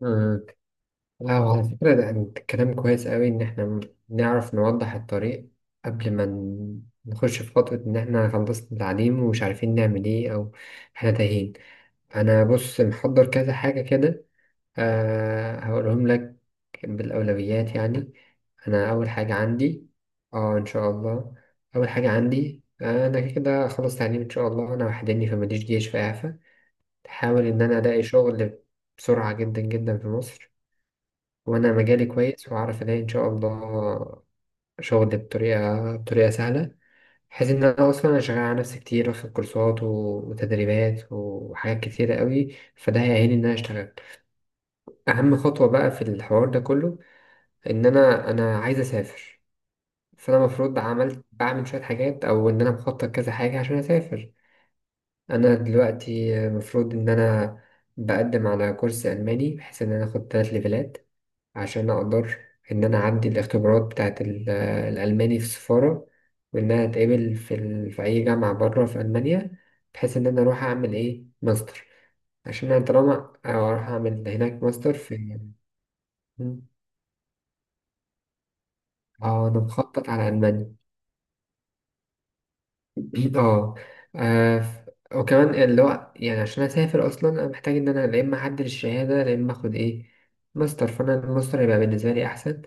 مم. لا، على فكرة ده أنت كلام كويس قوي إن إحنا نعرف نوضح الطريق قبل ما نخش في خطوة، إن إحنا خلصنا التعليم ومش عارفين نعمل إيه أو إحنا تايهين. أنا بص، محضر كذا حاجة كده. أه هقولهم لك بالأولويات يعني. أنا أول حاجة عندي. أه، إن شاء الله. أول حاجة عندي، أنا كده كده أخلص تعليم إن شاء الله. أنا وحدني فماليش جيش، في إعفاء. أحاول إن أنا ألاقي شغل بسرعة جدا جدا في مصر. وانا مجالي كويس وهعرف الاقي ان شاء الله شغل بطريقه سهله. بحيث ان انا اصلا شغال على نفسي كتير، واخد كورسات وتدريبات وحاجات كتيره قوي، فده هيعيني ان انا اشتغل. اهم خطوه بقى في الحوار ده كله، ان انا عايز اسافر. فانا المفروض عملت بعمل شويه حاجات، او ان انا مخطط كذا حاجه عشان اسافر. انا دلوقتي المفروض ان انا بقدم على كورس الماني، بحيث ان انا اخد 3 ليفلات عشان أقدر إن أنا أعدي الاختبارات بتاعة الألماني في السفارة، وإن أنا أتقبل في أي جامعة بره في ألمانيا، بحيث إن أنا أروح أعمل إيه ماستر. عشان أنا طالما أروح أعمل هناك ماستر في... مم. آه، أنا مخطط على ألمانيا. آه. آه، وكمان، اللي هو يعني، عشان أسافر أصلا أنا محتاج إن أنا لا إما أعدل الشهادة، لا إما آخد إيه ماستر. فأنا الماستر هيبقى بالنسبة لي أحسن.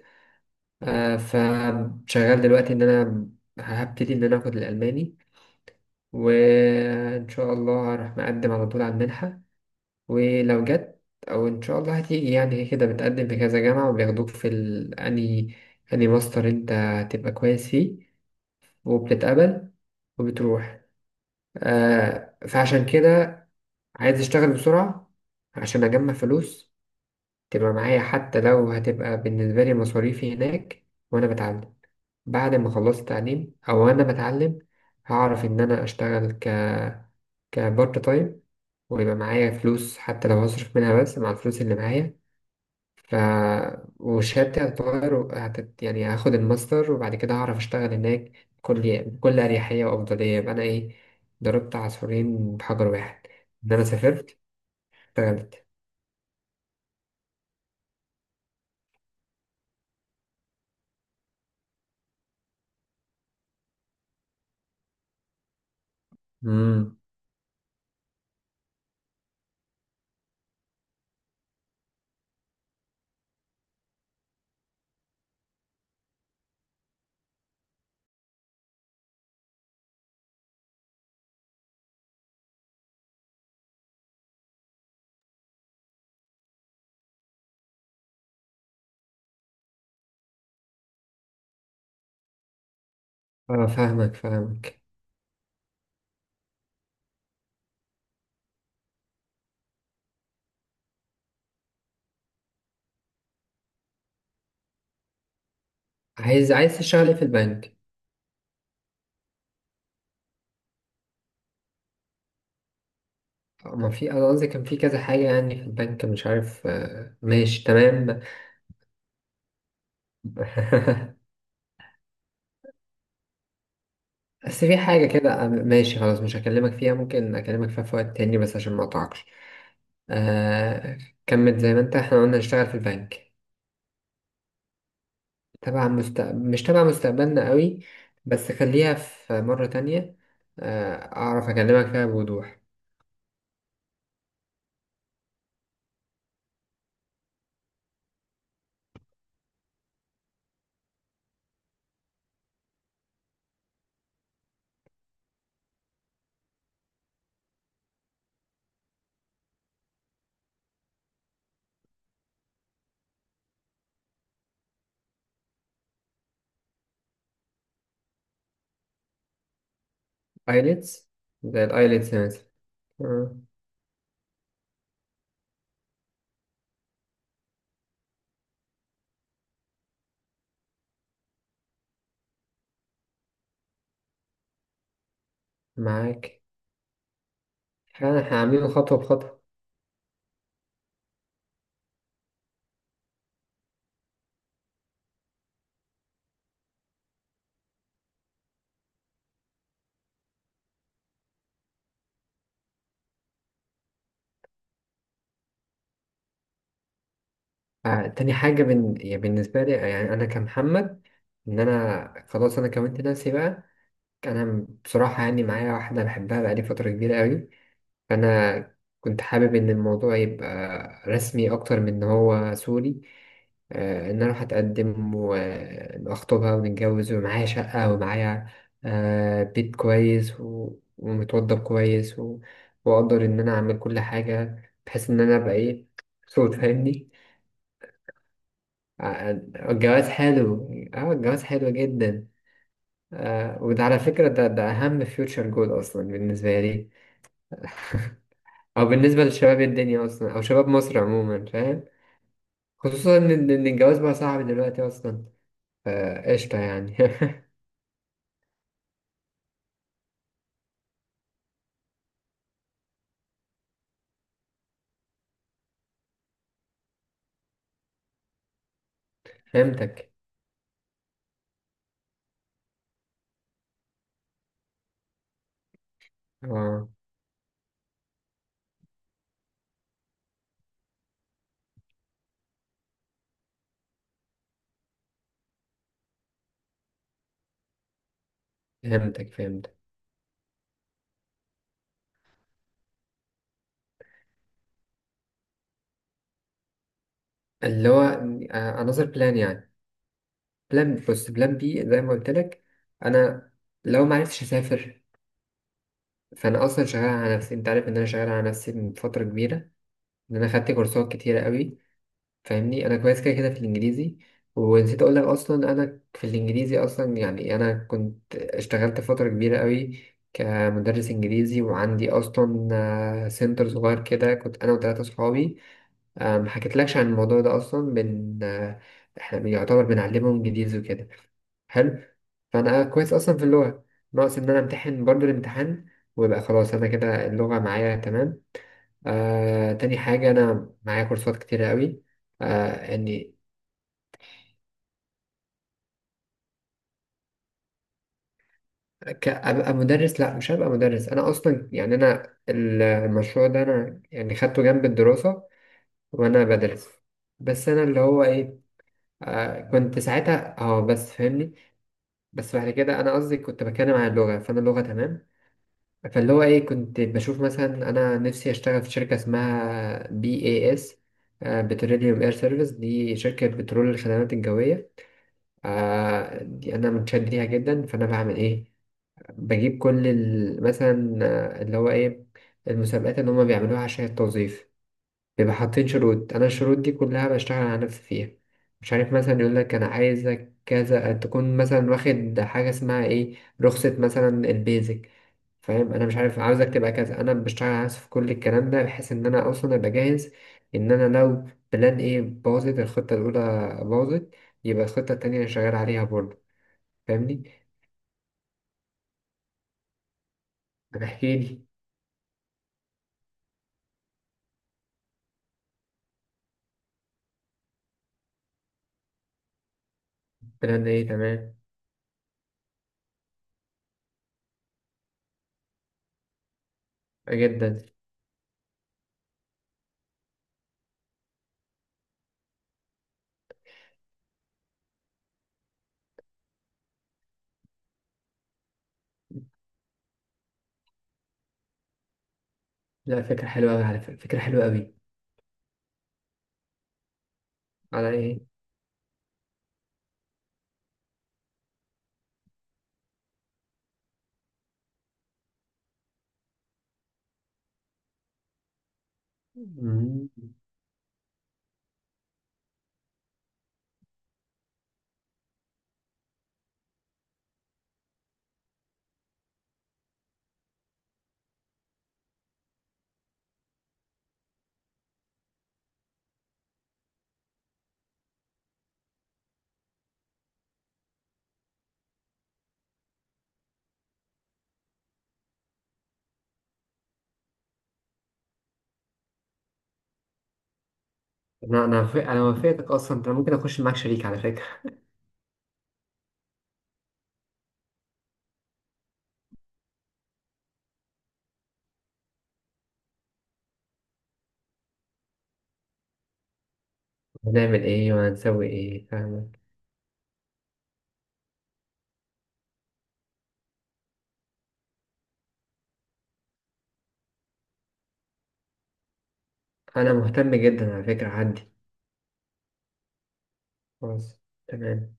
آه، فشغال دلوقتي ان انا هبتدي ان انا اخد الالماني، وان شاء الله هروح مقدم على طول على المنحه. ولو جت، او ان شاء الله هتيجي، يعني كده بتقدم في كذا جامعه وبياخدوك في اني ماستر، انت هتبقى كويس فيه وبتتقبل وبتروح. آه، فعشان كده عايز اشتغل بسرعه عشان اجمع فلوس تبقى معايا، حتى لو هتبقى بالنسبه لي مصاريفي هناك وانا بتعلم. بعد ما خلصت تعليم او انا بتعلم، هعرف ان انا اشتغل كبارت تايم. ويبقى معايا فلوس حتى لو هصرف منها، بس مع الفلوس اللي معايا. ف... وشهادتي هتتغير يعني هاخد الماستر وبعد كده هعرف اشتغل هناك بكل اريحيه وافضليه. يبقى انا ايه؟ ضربت عصفورين بحجر واحد، ان انا سافرت اشتغلت. امم. اه، فاهمك فاهمك. عايز تشتغل ايه في البنك؟ ما في انا قصدي كان في كذا حاجة يعني في البنك، مش عارف. آه، ماشي تمام. بس في حاجة كده، ماشي، خلاص مش هكلمك فيها، ممكن أكلمك فيها في وقت تاني بس عشان ما أقطعكش. آه. كمل زي ما أنت إحنا قلنا نشتغل في البنك. مش تبع مستقبلنا قوي، بس خليها في مرة تانية. آه، أعرف أكلمك فيها بوضوح. ايلتس. زي الايلتس مثلا. آه، معاك. فأنا هعمله خطوة بخطوة. آه، تاني حاجة يعني بالنسبة لي يعني أنا كمحمد، إن أنا خلاص أنا كونت نفسي بقى. أنا بصراحة يعني معايا واحدة بحبها بقالي فترة كبيرة أوي. فأنا كنت حابب إن الموضوع يبقى رسمي أكتر من إن هو سوري. إن أنا أروح أتقدم وأخطبها ونتجوز ومعايا شقة، ومعايا بيت كويس و... ومتوضب كويس و... وأقدر إن أنا أعمل كل حاجة بحيث إن أنا أبقى إيه، صوت فاهمني. آه، الجواز حلو. اه الجواز حلو جدا. آه، وده على فكرة، ده أهم فيوتشر جول أصلا بالنسبة لي. أو بالنسبة لشباب الدنيا أصلا، أو شباب مصر عموما، فاهم. خصوصا إن الجواز بقى صعب دلوقتي أصلا. فقشطة يعني. فهمتك. اه فهمتك فهمتك. اللي هو أنظر بلان يعني. بلان، بص، بلان B. زي ما قلت لك، أنا لو ما عرفتش أسافر، فأنا أصلا شغال على نفسي. أنت عارف إن أنا شغال على نفسي من فترة كبيرة، إن أنا خدت كورسات كتيرة قوي، فاهمني. انا كويس كده كده في الانجليزي. ونسيت اقول لك اصلا، انا في الانجليزي اصلا يعني انا كنت اشتغلت فتره كبيره قوي كمدرس انجليزي، وعندي اصلا سنتر صغير كده، كنت انا وثلاثه صحابي. آه، ما حكيتلكش عن الموضوع ده اصلا بن آه، احنا بيعتبر بنعلمهم انجليزي وكده. حلو. فانا كويس اصلا في اللغه. ناقص ان انا امتحن برضه الامتحان ويبقى خلاص انا كده اللغه معايا تمام. آه، تاني حاجة أنا معايا كورسات كتيرة قوي. يعني أبقى مدرس؟ لأ مش هبقى مدرس. أنا أصلا يعني أنا المشروع ده أنا يعني خدته جنب الدراسة وأنا بدرس. بس أنا اللي هو إيه، آه، كنت ساعتها، بس فاهمني. بس بعد كده أنا قصدي كنت بتكلم عن اللغة، فأنا اللغة تمام. فاللي هو إيه، كنت بشوف مثلا أنا نفسي أشتغل في شركة اسمها BES، بتروليوم إير سيرفيس، دي شركة بترول الخدمات الجوية. آه، دي انا متشد ليها جدا. فانا بعمل ايه؟ بجيب كل مثلا، اللي هو ايه، المسابقات اللي هما بيعملوها عشان التوظيف. بيبقى حاطين شروط، انا الشروط دي كلها بشتغل على نفسي فيها. مش عارف، مثلا يقول لك انا عايزك كذا، تكون مثلا واخد حاجه اسمها ايه، رخصه مثلا البيزك، فاهم. انا مش عارف عاوزك تبقى كذا، انا بشتغل على نفسي في كل الكلام ده بحيث ان انا اصلا ابقى جاهز، ان انا لو بلان ايه باظت الخطه الاولى، باظت، يبقى الخطة التانية اللي شغال عليها برضه، فاهمني. طب احكي لي. الكلام ده ايه؟ تمام جدا. لا، فكرة حلوة أوي، على فكرة فكرة حلوة أوي. على ايه؟ مم. انا وافقتك اصلا، انا ممكن اخش معاك شريك على فكرة. هنعمل ايه وهنسوي ايه، فاهمك. انا مهتم جدا على فكرة، عندي. خلاص. تمام.